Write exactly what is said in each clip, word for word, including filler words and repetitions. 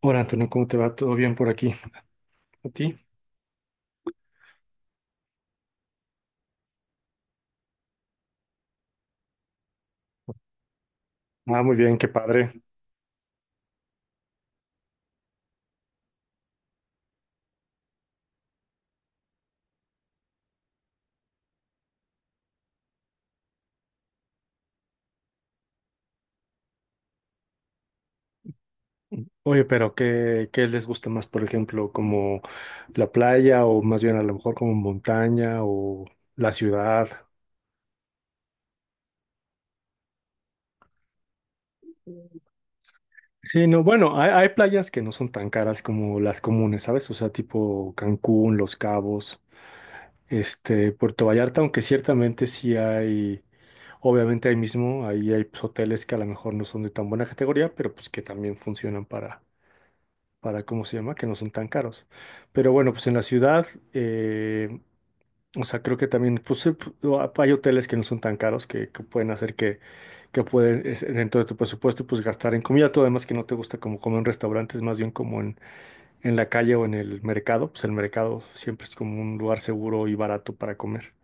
Hola Antonio, ¿cómo te va? ¿Todo bien por aquí? ¿A ti? Ah, muy bien, qué padre. Oye, pero ¿qué, qué les gusta más, por ejemplo, como la playa o más bien a lo mejor como montaña o la ciudad? Sí, no, bueno, hay, hay playas que no son tan caras como las comunes, ¿sabes? O sea, tipo Cancún, Los Cabos, este, Puerto Vallarta, aunque ciertamente sí hay, obviamente ahí mismo, ahí hay pues, hoteles que a lo mejor no son de tan buena categoría, pero pues que también funcionan para para, ¿cómo se llama? Que no son tan caros. Pero bueno, pues en la ciudad, eh, o sea, creo que también, pues eh, pu- o- hay hoteles que no son tan caros que, que pueden hacer que, que pueden, es- dentro de tu presupuesto, pues gastar en comida. Tú además que no te gusta como comer en restaurantes, más bien como en, en la calle o en el mercado, pues el mercado siempre es como un lugar seguro y barato para comer.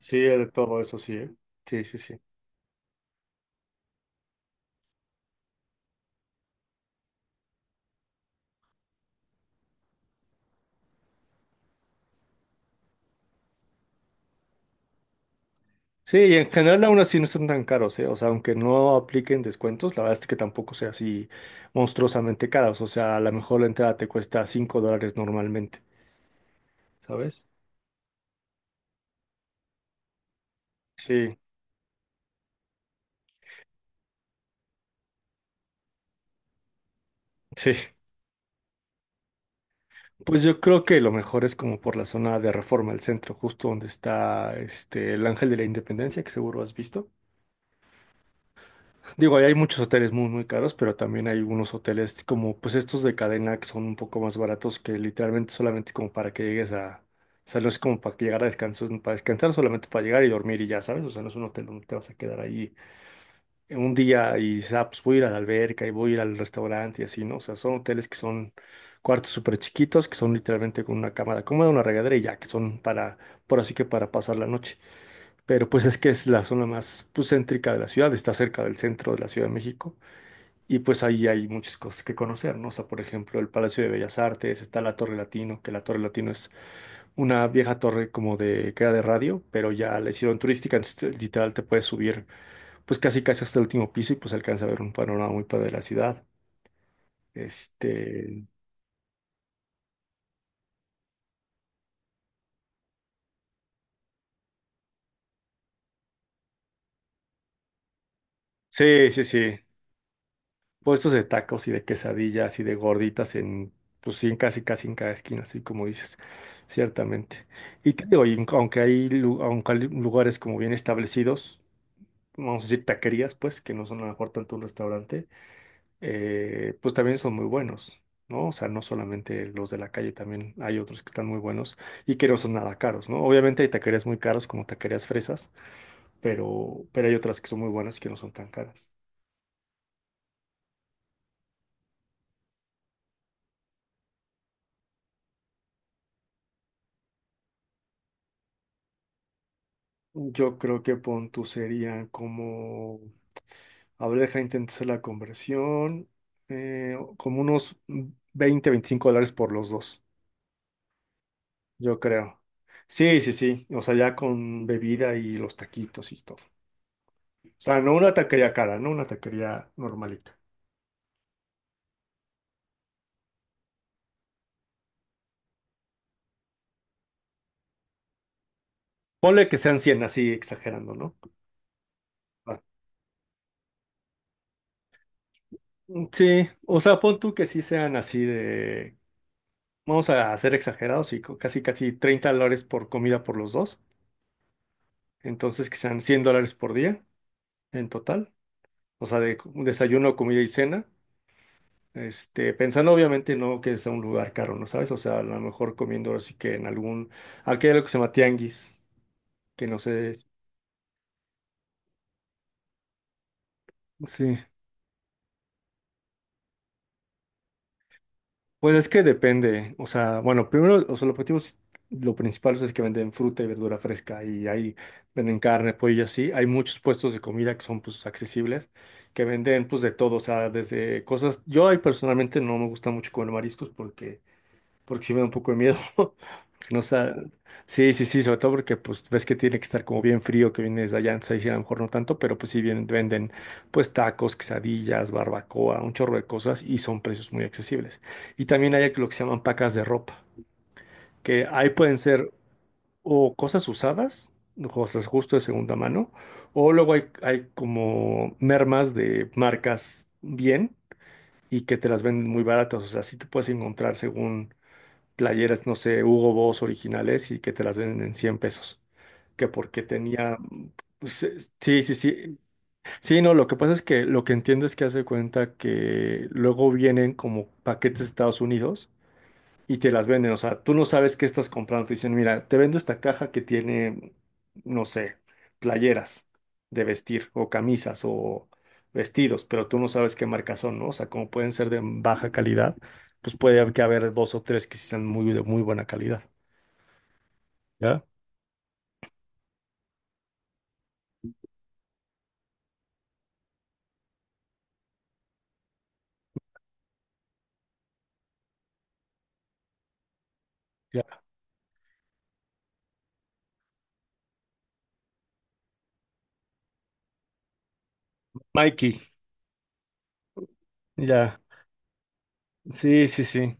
Sí, de todo eso sí, ¿eh? Sí, sí, sí. Sí, y en general aún así no son tan caros, ¿eh? O sea, aunque no apliquen descuentos, la verdad es que tampoco sea así monstruosamente caros. O sea, a lo mejor la entrada te cuesta cinco dólares normalmente, ¿sabes? Sí, sí. Pues yo creo que lo mejor es como por la zona de Reforma, el centro, justo donde está este, el Ángel de la Independencia, que seguro has visto. Digo, ahí hay muchos hoteles muy, muy caros, pero también hay unos hoteles como, pues estos de cadena que son un poco más baratos que literalmente solamente como para que llegues a, o sea, no es como para que llegar a descansar, para descansar, solamente para llegar y dormir y ya, ¿sabes? O sea, no es un hotel donde te vas a quedar ahí un día y dices, ah, pues voy a ir a la alberca y voy a ir al restaurante y así, ¿no? O sea, son hoteles que son cuartos súper chiquitos, que son literalmente con una cama cómoda, una regadera y ya, que son para, por así que para pasar la noche. Pero pues es que es la zona más pues, céntrica de la ciudad, está cerca del centro de la Ciudad de México. Y pues ahí hay muchas cosas que conocer, ¿no? O sea, por ejemplo, el Palacio de Bellas Artes, está la Torre Latino, que la Torre Latino es una vieja torre como de que era de radio, pero ya la hicieron turística, entonces te- literal te puedes subir pues casi casi hasta el último piso y pues alcanza a ver un panorama muy padre de la ciudad. Este, sí, sí, sí. Puestos de tacos y de quesadillas y de gorditas en pues sí, en casi casi en cada esquina, así como dices, ciertamente. Y te digo, y aunque hay lu- aunque hay lugares como bien establecidos, vamos a decir, taquerías, pues, que no son a lo mejor tanto un restaurante, eh, pues también son muy buenos, ¿no? O sea, no solamente los de la calle, también hay otros que están muy buenos y que no son nada caros, ¿no? Obviamente hay taquerías muy caros como taquerías fresas, pero, pero hay otras que son muy buenas y que no son tan caras. Yo creo que pon tú serían como, a ver, deja intento hacer la conversión, eh, como unos veinte veinticinco dólares por los dos. Yo creo. Sí, sí, sí. O sea, ya con bebida y los taquitos y todo. O sea, no una taquería cara, no una taquería normalita. Ponle que sean cien así exagerando, ¿no? Ah, mm, sí, o sea, pon tú que sí sean así de, vamos a ser exagerados y co- casi, casi treinta dólares por comida por los dos. Entonces, que sean cien dólares por día en total. O sea, de co- desayuno, comida y cena. Este, pensando obviamente no que sea un lugar caro, ¿no sabes? O sea, a lo mejor comiendo así que en algún, aquí hay algo que se llama tianguis, que no sé, es- sí, pues es que depende, o sea, bueno, primero, o sea, el objetivo es, lo principal o sea, es que venden fruta y verdura fresca y ahí venden carne, pollo y así, hay muchos puestos de comida que son pues accesibles, que venden pues de todo, o sea, desde cosas, yo ahí personalmente no me gusta mucho comer mariscos porque, porque sí me da un poco de miedo, No sa- sí, sí, sí, sobre todo porque pues ves que tiene que estar como bien frío que viene desde allá, entonces ahí sí a lo mejor no tanto, pero pues sí vienen, venden pues tacos, quesadillas, barbacoa, un chorro de cosas y son precios muy accesibles. Y también hay lo que se llaman pacas de ropa, que ahí pueden ser o cosas usadas, cosas justo de segunda mano, o luego hay, hay como mermas de marcas bien y que te las venden muy baratas, o sea, sí te puedes encontrar según playeras, no sé, Hugo Boss originales y que te las venden en cien pesos. Que porque tenía. Mm, pues, es- sí, sí, sí. Sí, no, lo que pasa es que lo que entiendo es que hace cuenta que luego vienen como paquetes de Estados Unidos y te las venden. O sea, tú no sabes qué estás comprando. Te dicen, mira, te vendo esta caja que tiene, no sé, playeras de vestir o camisas o vestidos, pero tú no sabes qué marca son, ¿no? O sea, como pueden ser de baja calidad, pues puede haber que haber dos o tres que sí sean muy de muy buena calidad. ¿Ya? Ya. Mikey, ya. Sí, sí, sí.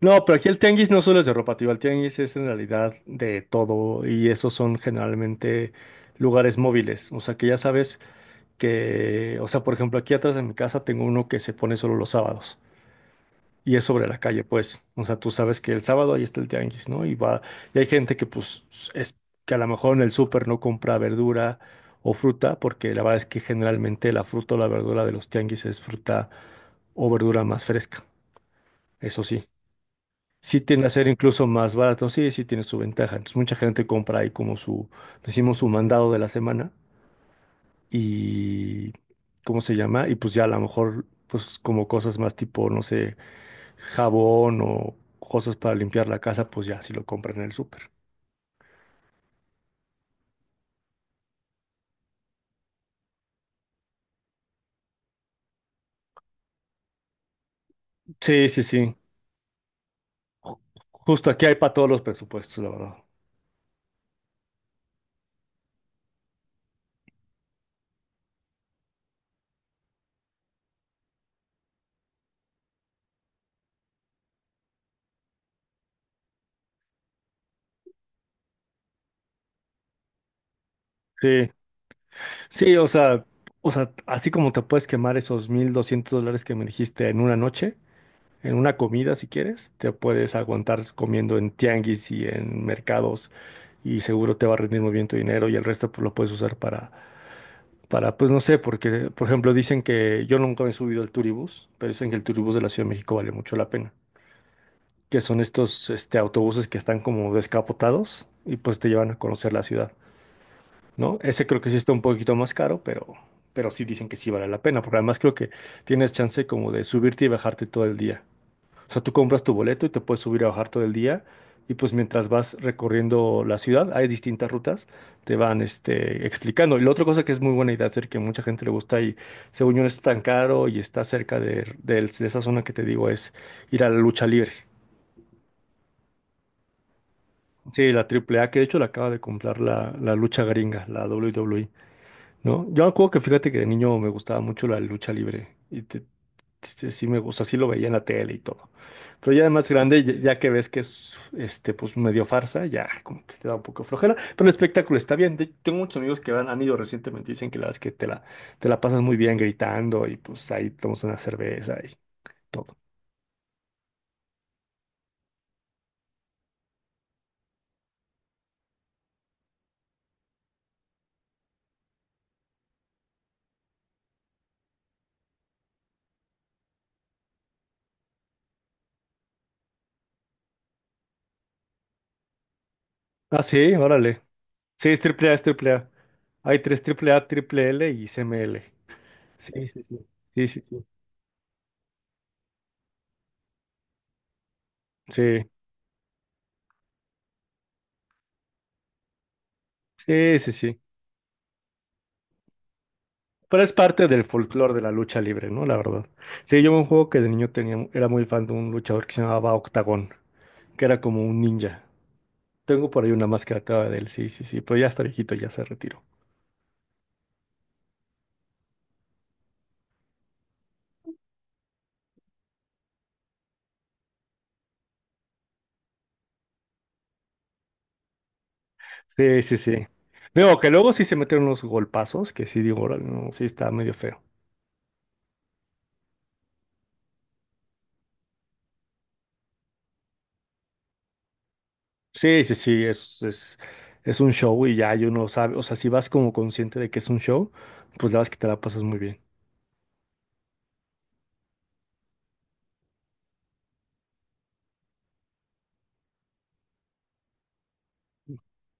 No, pero aquí el tianguis no solo es de ropa, tío. El tianguis es en realidad de todo y esos son generalmente lugares móviles. O sea que ya sabes que, o sea, por ejemplo, aquí atrás de mi casa tengo uno que se pone solo los sábados y es sobre la calle, pues, o sea, tú sabes que el sábado ahí está el tianguis, ¿no? Y va, y hay gente que pues es que a lo mejor en el súper no compra verdura o fruta, porque la verdad es que generalmente la fruta o la verdura de los tianguis es fruta o verdura más fresca, eso sí. Sí tiende a ser incluso más barato, sí, sí tiene su ventaja. Entonces mucha gente compra ahí como su, decimos, su mandado de la semana y ¿cómo se llama? Y pues ya a lo mejor, pues como cosas más tipo, no sé, jabón o cosas para limpiar la casa, pues ya si lo compran en el súper. Sí, sí, sí. Justo aquí hay para todos los presupuestos, la verdad. Sí, sí, o sea, o sea, así como te puedes quemar esos mil doscientos dólares que me dijiste en una noche, en una comida si quieres, te puedes aguantar comiendo en tianguis y en mercados y seguro te va a rendir muy bien tu dinero y el resto pues, lo puedes usar para Para, pues no sé, porque, por ejemplo, dicen que yo nunca me he subido al Turibus pero dicen que el Turibus de la Ciudad de México vale mucho la pena. Que son estos, este, autobuses que están como descapotados y pues te llevan a conocer la ciudad, ¿no? Ese creo que sí está un poquito más caro, pero, pero sí dicen que sí vale la pena, porque además creo que tienes chance como de subirte y bajarte todo el día. O sea, tú compras tu boleto y te puedes subir a bajar todo el día. Y pues mientras vas recorriendo la ciudad, hay distintas rutas, te van este, explicando. Y la otra cosa que es muy buena idea hacer, que mucha gente le gusta y según yo no está tan caro y está cerca de, del- de esa zona que te digo, es ir a la lucha libre. Sí, la Triple A que de hecho la acaba de comprar la, la lucha gringa, la W W WWE, ¿no? Yo me acuerdo que fíjate que de niño me gustaba mucho la lucha libre. Y te- sí, sí me gusta, sí lo veía en la tele y todo. Pero ya de más grande, ya, ya que ves que es este, pues medio farsa, ya como que te da un poco de flojera. Pero el espectáculo está bien. De- tengo muchos amigos que han, han ido recientemente, y dicen que la verdad es que te la, te la pasas muy bien gritando y pues ahí tomas una cerveza y todo. Ah, sí, órale. Sí, es triple A, es triple A. Hay tres triple A, triple L y C M L. Sí, sí, sí. Sí, sí, sí. Sí, sí, sí, sí. Pero es parte del folclore de la lucha libre, ¿no? La verdad. Sí, yo un juego que de niño tenía, era muy fan de un luchador que se llamaba Octagón, que era como un ninja. Tengo por ahí una máscara todavía de él, sí, sí, sí, pero ya está viejito, ya se retiró. Sí, sí, sí. Digo, que luego sí se metieron unos golpazos, que sí digo, "Órale, no, sí está medio feo". Sí, sí, sí, es, es, es un show y ya y uno sabe, o sea, si vas como consciente de que es un show, pues la verdad es que te la pasas muy bien.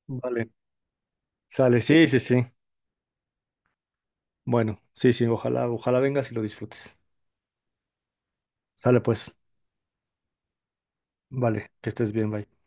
Vale. Sale, sí, sí, sí. Bueno, sí, sí, ojalá, ojalá vengas y lo disfrutes. Sale pues, vale, que estés bien, bye.